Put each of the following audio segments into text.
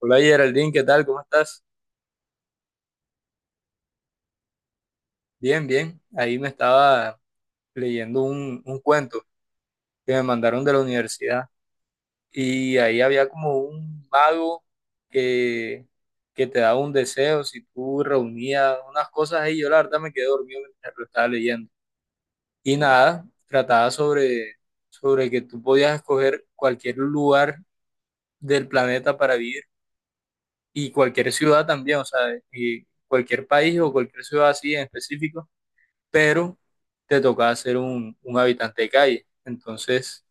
Hola Geraldine, ¿qué tal? ¿Cómo estás? Bien, bien. Ahí me estaba leyendo un cuento que me mandaron de la universidad y ahí había como un mago que, que te daba un deseo si tú reunías unas cosas ahí. Yo la verdad me quedé dormido mientras lo estaba leyendo. Y nada, trataba sobre que tú podías escoger cualquier lugar del planeta para vivir y cualquier ciudad también, o sea, y cualquier país o cualquier ciudad así en específico pero te tocaba ser un habitante de calle. Entonces,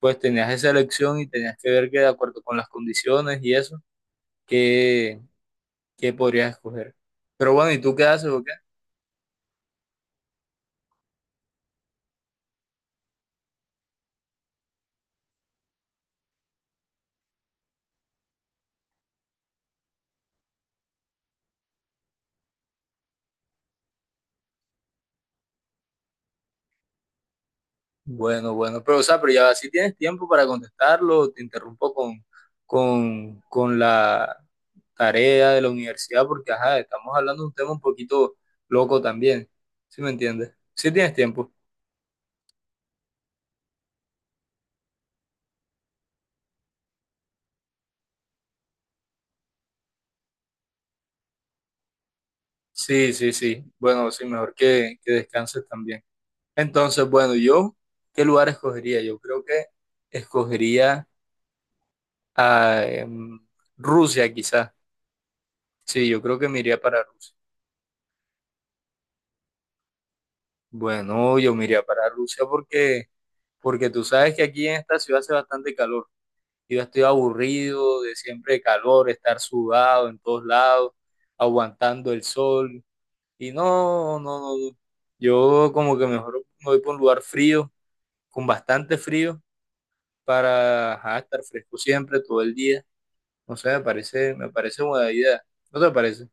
pues tenías esa elección y tenías que ver que de acuerdo con las condiciones y eso, qué, qué podrías escoger. Pero bueno, ¿y tú qué haces o qué? Bueno, bueno, pero o sea, pero ya si tienes tiempo para contestarlo, te interrumpo con la tarea de la universidad, porque ajá, estamos hablando de un tema un poquito loco también, ¿sí me entiendes? Si tienes tiempo. Sí, sí, sí. Bueno, sí, mejor que descanses también. Entonces, bueno, yo, ¿qué lugar escogería? Yo creo que escogería a Rusia, quizás. Sí, yo creo que me iría para Rusia. Bueno, yo me iría para Rusia porque tú sabes que aquí en esta ciudad hace bastante calor. Yo estoy aburrido de siempre calor, estar sudado en todos lados, aguantando el sol. Y no, no, no, no. Yo como que mejor me voy por un lugar frío, con bastante frío, para ajá, estar fresco siempre, todo el día. No sé, me parece buena idea. ¿No te parece?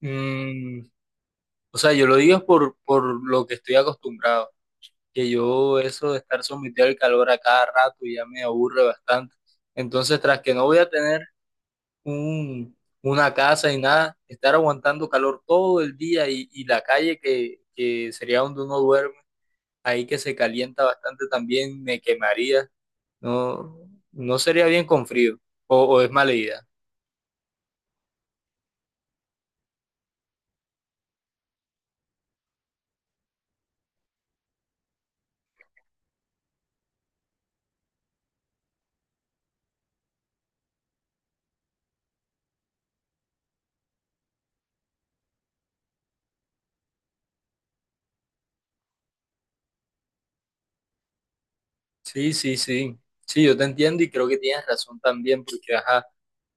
Mm, o sea, yo lo digo es por lo que estoy acostumbrado, que yo eso de estar sometido al calor a cada rato ya me aburre bastante. Entonces, tras que no voy a tener un, una casa y nada, estar aguantando calor todo el día y la calle que sería donde uno duerme, ahí que se calienta bastante también, me quemaría. No, no sería bien con frío, o es mala idea. Sí, sí, sí. Sí, yo te entiendo y creo que tienes razón también, porque ajá,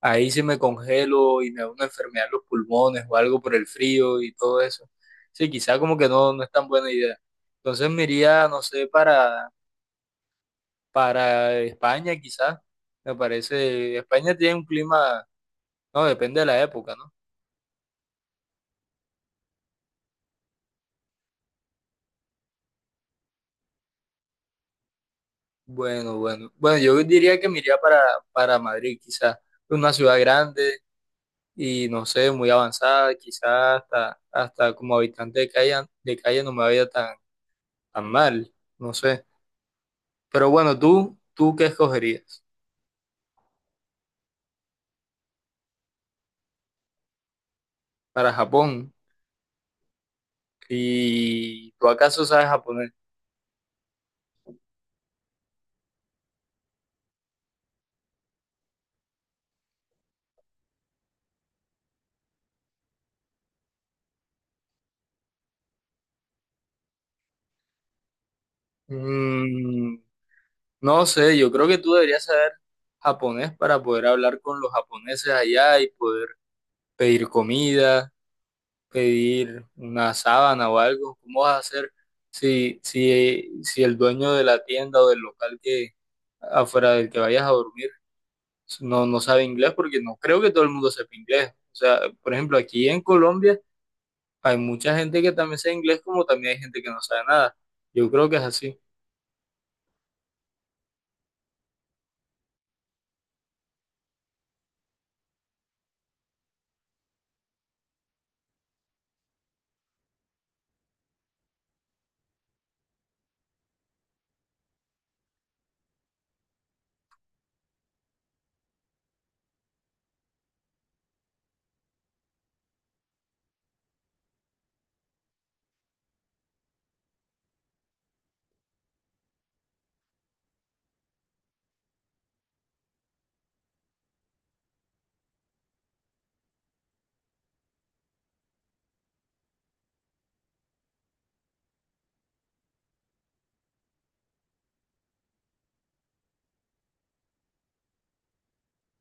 ahí si me congelo y me da una enfermedad en los pulmones o algo por el frío y todo eso. Sí, quizá como que no, no es tan buena idea. Entonces me iría, no sé, para España, quizá. Me parece, España tiene un clima, no, depende de la época, ¿no? Bueno, bueno. Bueno, yo diría que me iría para Madrid, quizá. Una ciudad grande y no sé, muy avanzada, quizás hasta como habitante de calle no me vaya tan mal, no sé. Pero bueno, tú, ¿tú qué escogerías para Japón? ¿Y tú acaso sabes japonés? Mm, no sé, yo creo que tú deberías saber japonés para poder hablar con los japoneses allá y poder pedir comida, pedir una sábana o algo. ¿Cómo vas a hacer si el dueño de la tienda o del local que afuera del que vayas a dormir no, no sabe inglés? Porque no creo que todo el mundo sepa inglés. O sea, por ejemplo, aquí en Colombia hay mucha gente que también sabe inglés como también hay gente que no sabe nada. Yo creo que es así.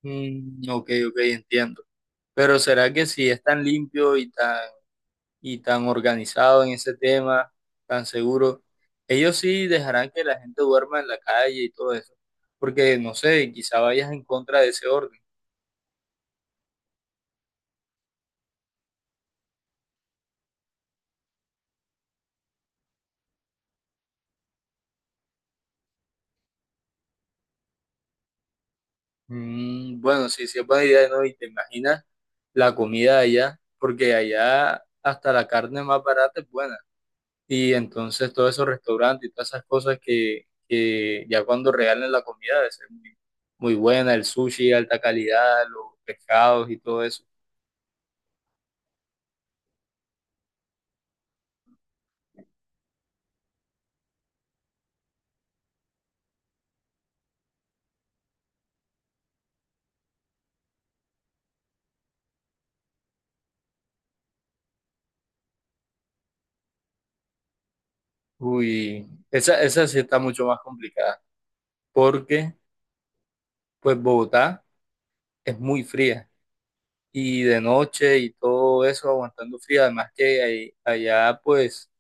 Mm, ok, ok, entiendo. Pero ¿será que si es tan limpio y tan organizado en ese tema, tan seguro, ellos sí dejarán que la gente duerma en la calle y todo eso? Porque, no sé, quizá vayas en contra de ese orden. Mm, bueno, sí, sí es buena idea, ¿no? Y te imaginas la comida de allá, porque allá hasta la carne más barata es buena. Y entonces todos esos restaurantes y todas esas cosas que ya cuando regalen la comida debe ser muy, muy buena, el sushi, alta calidad, los pescados y todo eso. Uy, esa sí está mucho más complicada, porque pues Bogotá es muy fría y de noche y todo eso aguantando frío, además que allá pues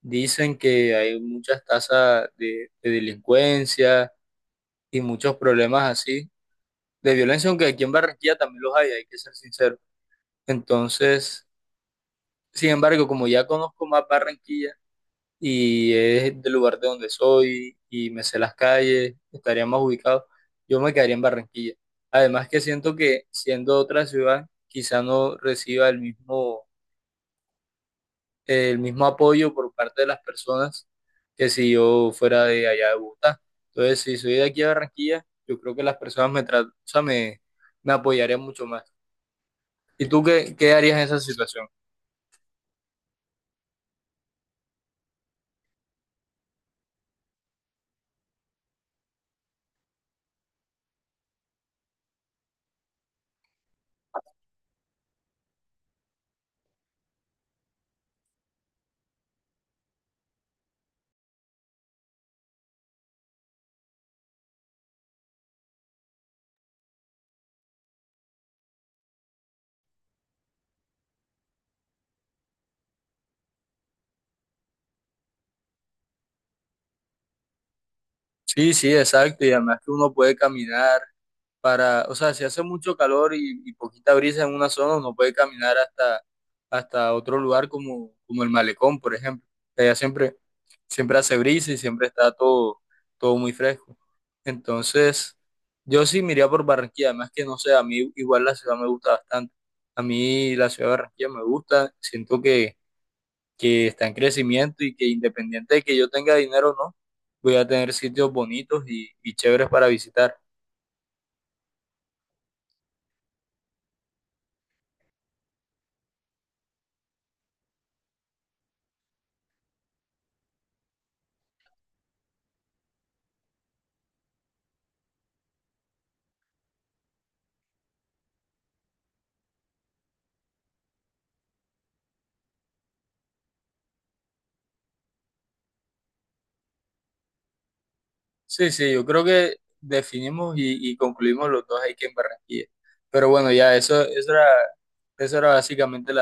dicen que hay muchas tasas de delincuencia y muchos problemas así de violencia, aunque aquí en Barranquilla también los hay, hay que ser sincero. Entonces, sin embargo, como ya conozco más Barranquilla y es del lugar de donde soy y me sé las calles, estaría más ubicado, yo me quedaría en Barranquilla. Además que siento que siendo otra ciudad, quizá no reciba el mismo apoyo por parte de las personas que si yo fuera de allá de Bogotá. Entonces, si soy de aquí a Barranquilla, yo creo que las personas o sea, me apoyarían mucho más. ¿Y tú qué harías en esa situación? Sí, sí, exacto. Y además que uno puede caminar para, o sea, si hace mucho calor y poquita brisa en una zona, uno puede caminar hasta otro lugar como, como el malecón, por ejemplo. Allá siempre, siempre hace brisa y siempre está todo, todo muy fresco. Entonces, yo sí me iría por Barranquilla, además que no sé, a mí igual la ciudad me gusta bastante. A mí la ciudad de Barranquilla me gusta, siento que está en crecimiento y que independiente de que yo tenga dinero o no, voy a tener sitios bonitos y chéveres para visitar. Sí, sí, yo creo que definimos y concluimos los dos ahí que en Barranquilla. Pero bueno, ya eso, eso era básicamente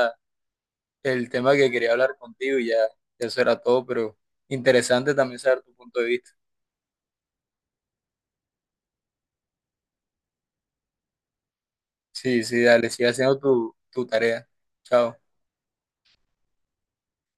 el tema que quería hablar contigo y ya, eso era todo, pero interesante también saber tu punto de vista. Sí, sí, dale, sigue haciendo tu tarea. Chao.